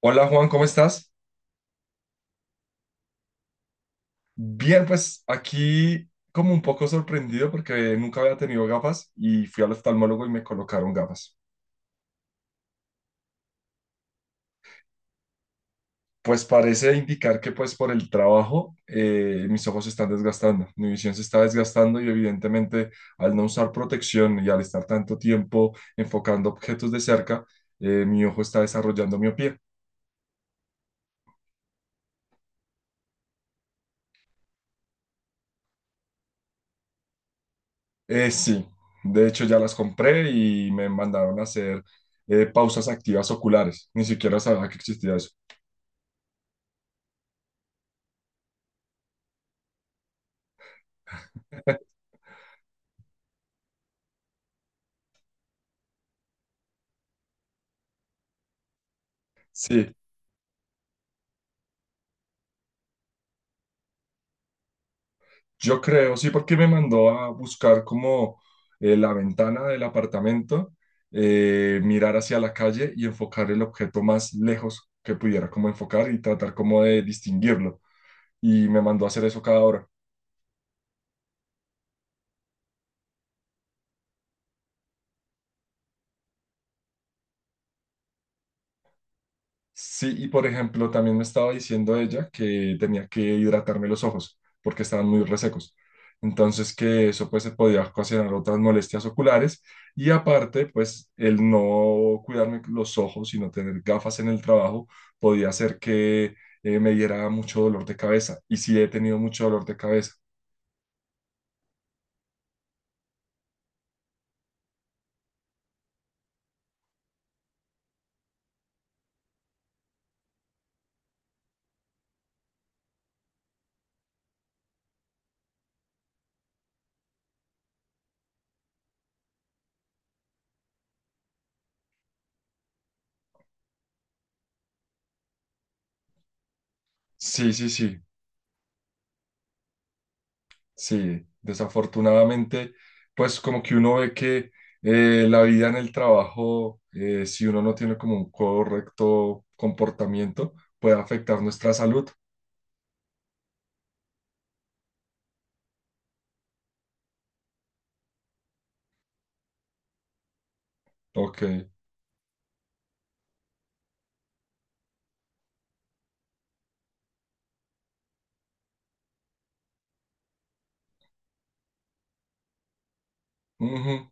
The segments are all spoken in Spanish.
Hola Juan, ¿cómo estás? Bien, pues aquí como un poco sorprendido porque nunca había tenido gafas y fui al oftalmólogo y me colocaron gafas. Pues parece indicar que pues por el trabajo mis ojos se están desgastando, mi visión se está desgastando y evidentemente al no usar protección y al estar tanto tiempo enfocando objetos de cerca, mi ojo está desarrollando miopía. Sí, de hecho ya las compré y me mandaron a hacer pausas activas oculares, ni siquiera sabía que existía eso. Sí, yo creo, sí, porque me mandó a buscar como la ventana del apartamento, mirar hacia la calle y enfocar el objeto más lejos que pudiera como enfocar y tratar como de distinguirlo. Y me mandó a hacer eso cada hora. Sí, y por ejemplo, también me estaba diciendo ella que tenía que hidratarme los ojos porque estaban muy resecos. Entonces, que eso pues se podía ocasionar otras molestias oculares y aparte, pues el no cuidarme los ojos y no tener gafas en el trabajo podía hacer que me diera mucho dolor de cabeza. Y sí, he tenido mucho dolor de cabeza. Sí, sí, sí. Sí, desafortunadamente, pues como que uno ve que la vida en el trabajo, si uno no tiene como un correcto comportamiento, puede afectar nuestra salud. Ok. Ujú,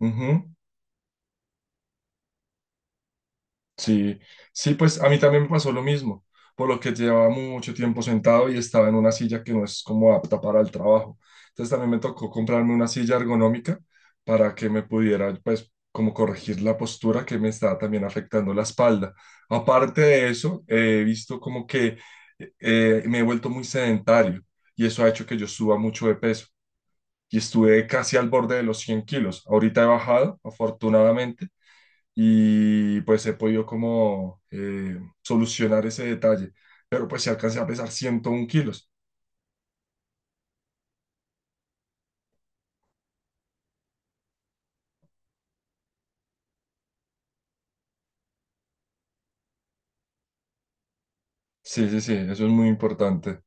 ujú. Sí, sí, pues a mí también me pasó lo mismo, por lo que llevaba mucho tiempo sentado y estaba en una silla que no es como apta para el trabajo. Entonces también me tocó comprarme una silla ergonómica para que me pudiera, pues, como corregir la postura que me estaba también afectando la espalda. Aparte de eso, he visto como que me he vuelto muy sedentario y eso ha hecho que yo suba mucho de peso y estuve casi al borde de los 100 kilos. Ahorita he bajado, afortunadamente, y pues he podido como solucionar ese detalle. Pero pues si alcancé a pesar 101 kilos. Sí, sí, sí, eso es muy importante.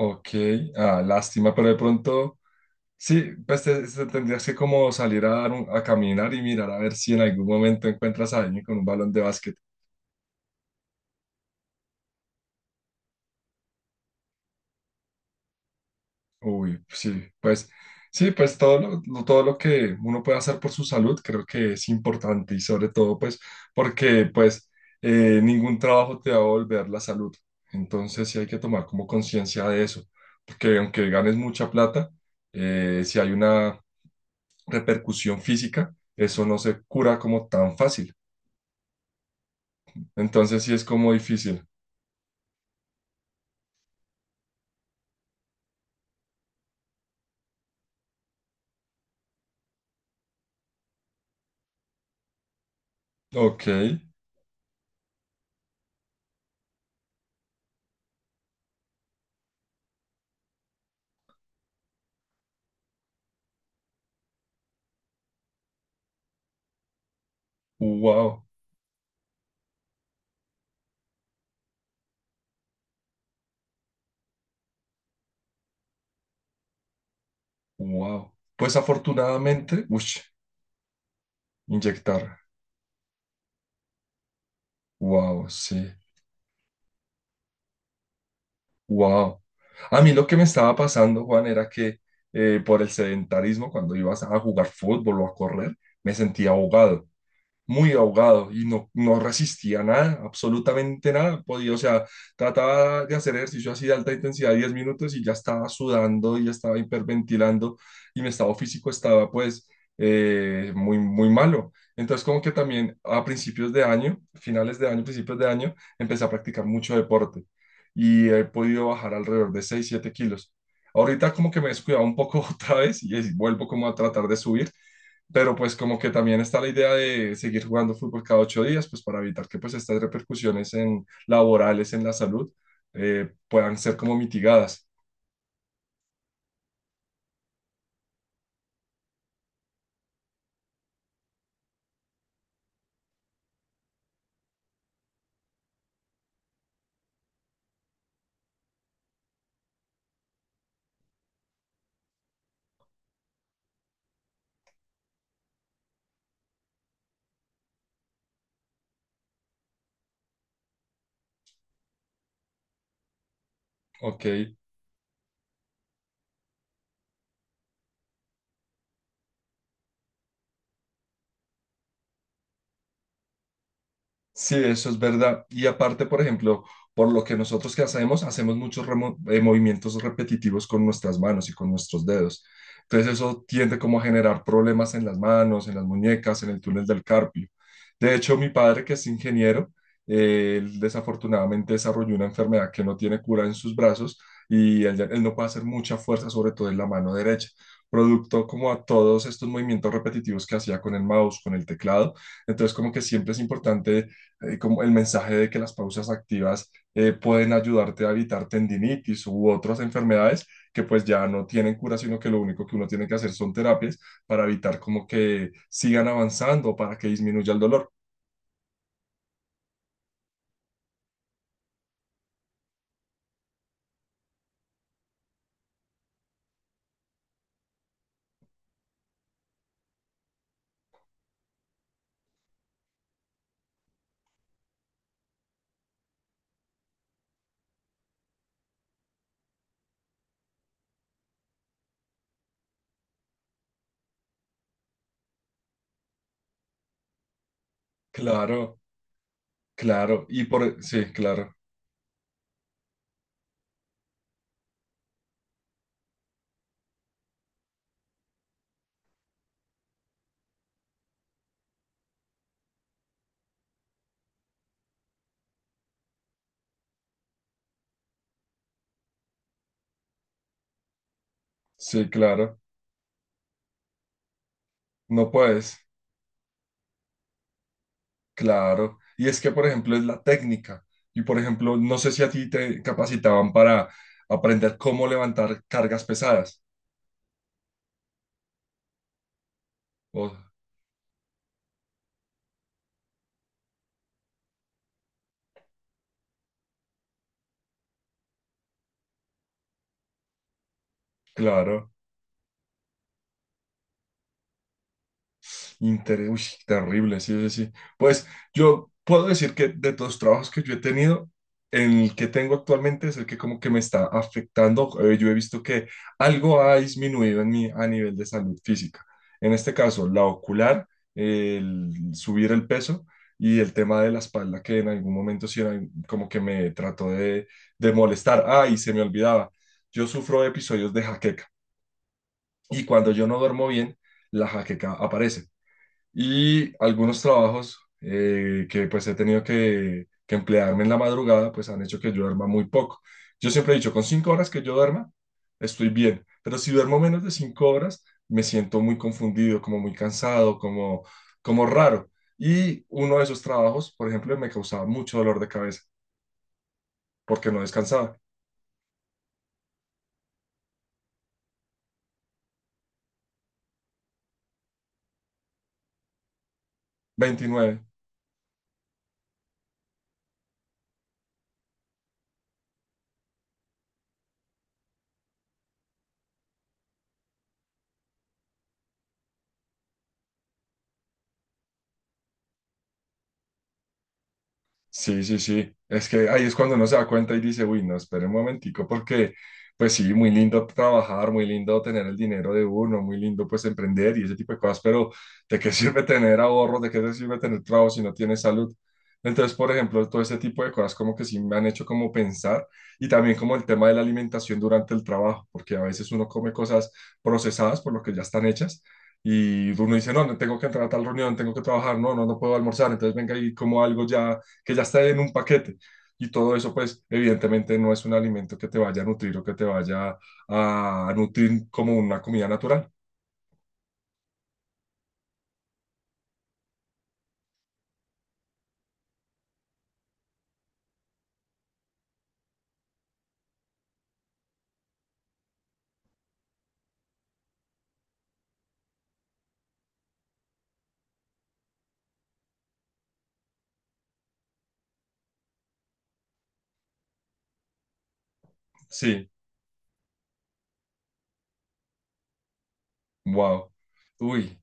Ok, ah, lástima, pero de pronto, sí, pues te tendrías que como salir a caminar y mirar a ver si en algún momento encuentras a alguien con un balón de básquet. Uy, pues sí, pues sí, pues todo todo lo que uno puede hacer por su salud creo que es importante y sobre todo pues porque pues ningún trabajo te va a volver la salud. Entonces sí hay que tomar como conciencia de eso, porque aunque ganes mucha plata, si hay una repercusión física, eso no se cura como tan fácil. Entonces sí es como difícil. Ok, wow, wow. Pues afortunadamente, ush, inyectar. Wow, sí. Wow. A mí lo que me estaba pasando, Juan, era que por el sedentarismo, cuando ibas a jugar fútbol o a correr, me sentía ahogado, muy ahogado, y no resistía nada, absolutamente nada. Podía, o sea, trataba de hacer ejercicio así de alta intensidad 10 minutos y ya estaba sudando y ya estaba hiperventilando y mi estado físico estaba pues muy, muy malo. Entonces como que también a principios de año, finales de año, principios de año, empecé a practicar mucho deporte y he podido bajar alrededor de 6 7 kilos. Ahorita como que me he descuidado un poco otra vez y vuelvo como a tratar de subir, pero pues como que también está la idea de seguir jugando fútbol cada 8 días, pues para evitar que pues estas repercusiones laborales en la salud puedan ser como mitigadas. Ok, sí, eso es verdad. Y aparte, por ejemplo, por lo que nosotros, que hacemos, hacemos muchos movimientos repetitivos con nuestras manos y con nuestros dedos. Entonces eso tiende como a generar problemas en las manos, en las muñecas, en el túnel del carpio. De hecho, mi padre, que es ingeniero, él desafortunadamente desarrolló una enfermedad que no tiene cura en sus brazos, y él, él no puede hacer mucha fuerza, sobre todo en la mano derecha, producto como a todos estos movimientos repetitivos que hacía con el mouse, con el teclado. Entonces, como que siempre es importante como el mensaje de que las pausas activas pueden ayudarte a evitar tendinitis u otras enfermedades que pues ya no tienen cura, sino que lo único que uno tiene que hacer son terapias para evitar como que sigan avanzando, para que disminuya el dolor. Claro, claro. Y por, sí, claro, sí, claro. No puedes, claro. Y es que, por ejemplo, es la técnica. Y, por ejemplo, no sé si a ti te capacitaban para aprender cómo levantar cargas pesadas. Oh, claro. Inter, uy, terrible, sí, sí, sí. Pues yo puedo decir que de todos los trabajos que yo he tenido, el que tengo actualmente es el que como que me está afectando. Yo he visto que algo ha disminuido en mí a nivel de salud física. En este caso, la ocular, el subir el peso y el tema de la espalda, que en algún momento sí era como que me trató de molestar. Ah, y se me olvidaba, yo sufro de episodios de jaqueca y cuando yo no duermo bien, la jaqueca aparece, y algunos trabajos que pues he tenido que, emplearme en la madrugada, pues han hecho que yo duerma muy poco. Yo siempre he dicho, con 5 horas que yo duerma, estoy bien, pero si duermo menos de 5 horas, me siento muy confundido, como muy cansado, como, como raro. Y uno de esos trabajos, por ejemplo, me causaba mucho dolor de cabeza porque no descansaba. 29. Sí, sí, sí. Es que ahí es cuando uno se da cuenta y dice, uy, no, espere un momentico, porque pues sí, muy lindo trabajar, muy lindo tener el dinero de uno, muy lindo pues emprender y ese tipo de cosas, pero ¿de qué sirve tener ahorros? ¿De qué te sirve tener trabajo si no tienes salud? Entonces, por ejemplo, todo ese tipo de cosas como que sí me han hecho como pensar, y también como el tema de la alimentación durante el trabajo, porque a veces uno come cosas procesadas por lo que ya están hechas. Y uno dice, no, no tengo que entrar a tal reunión, tengo que trabajar, no, no, no puedo almorzar, entonces venga y como algo ya que ya está en un paquete. Y todo eso, pues, evidentemente no es un alimento que te vaya a nutrir o que te vaya a nutrir como una comida natural. Sí, wow. Uy,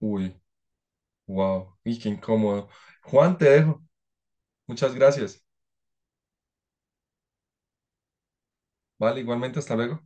uy, wow. Y qué incómodo. Juan, te dejo. Muchas gracias. Vale, igualmente, hasta luego.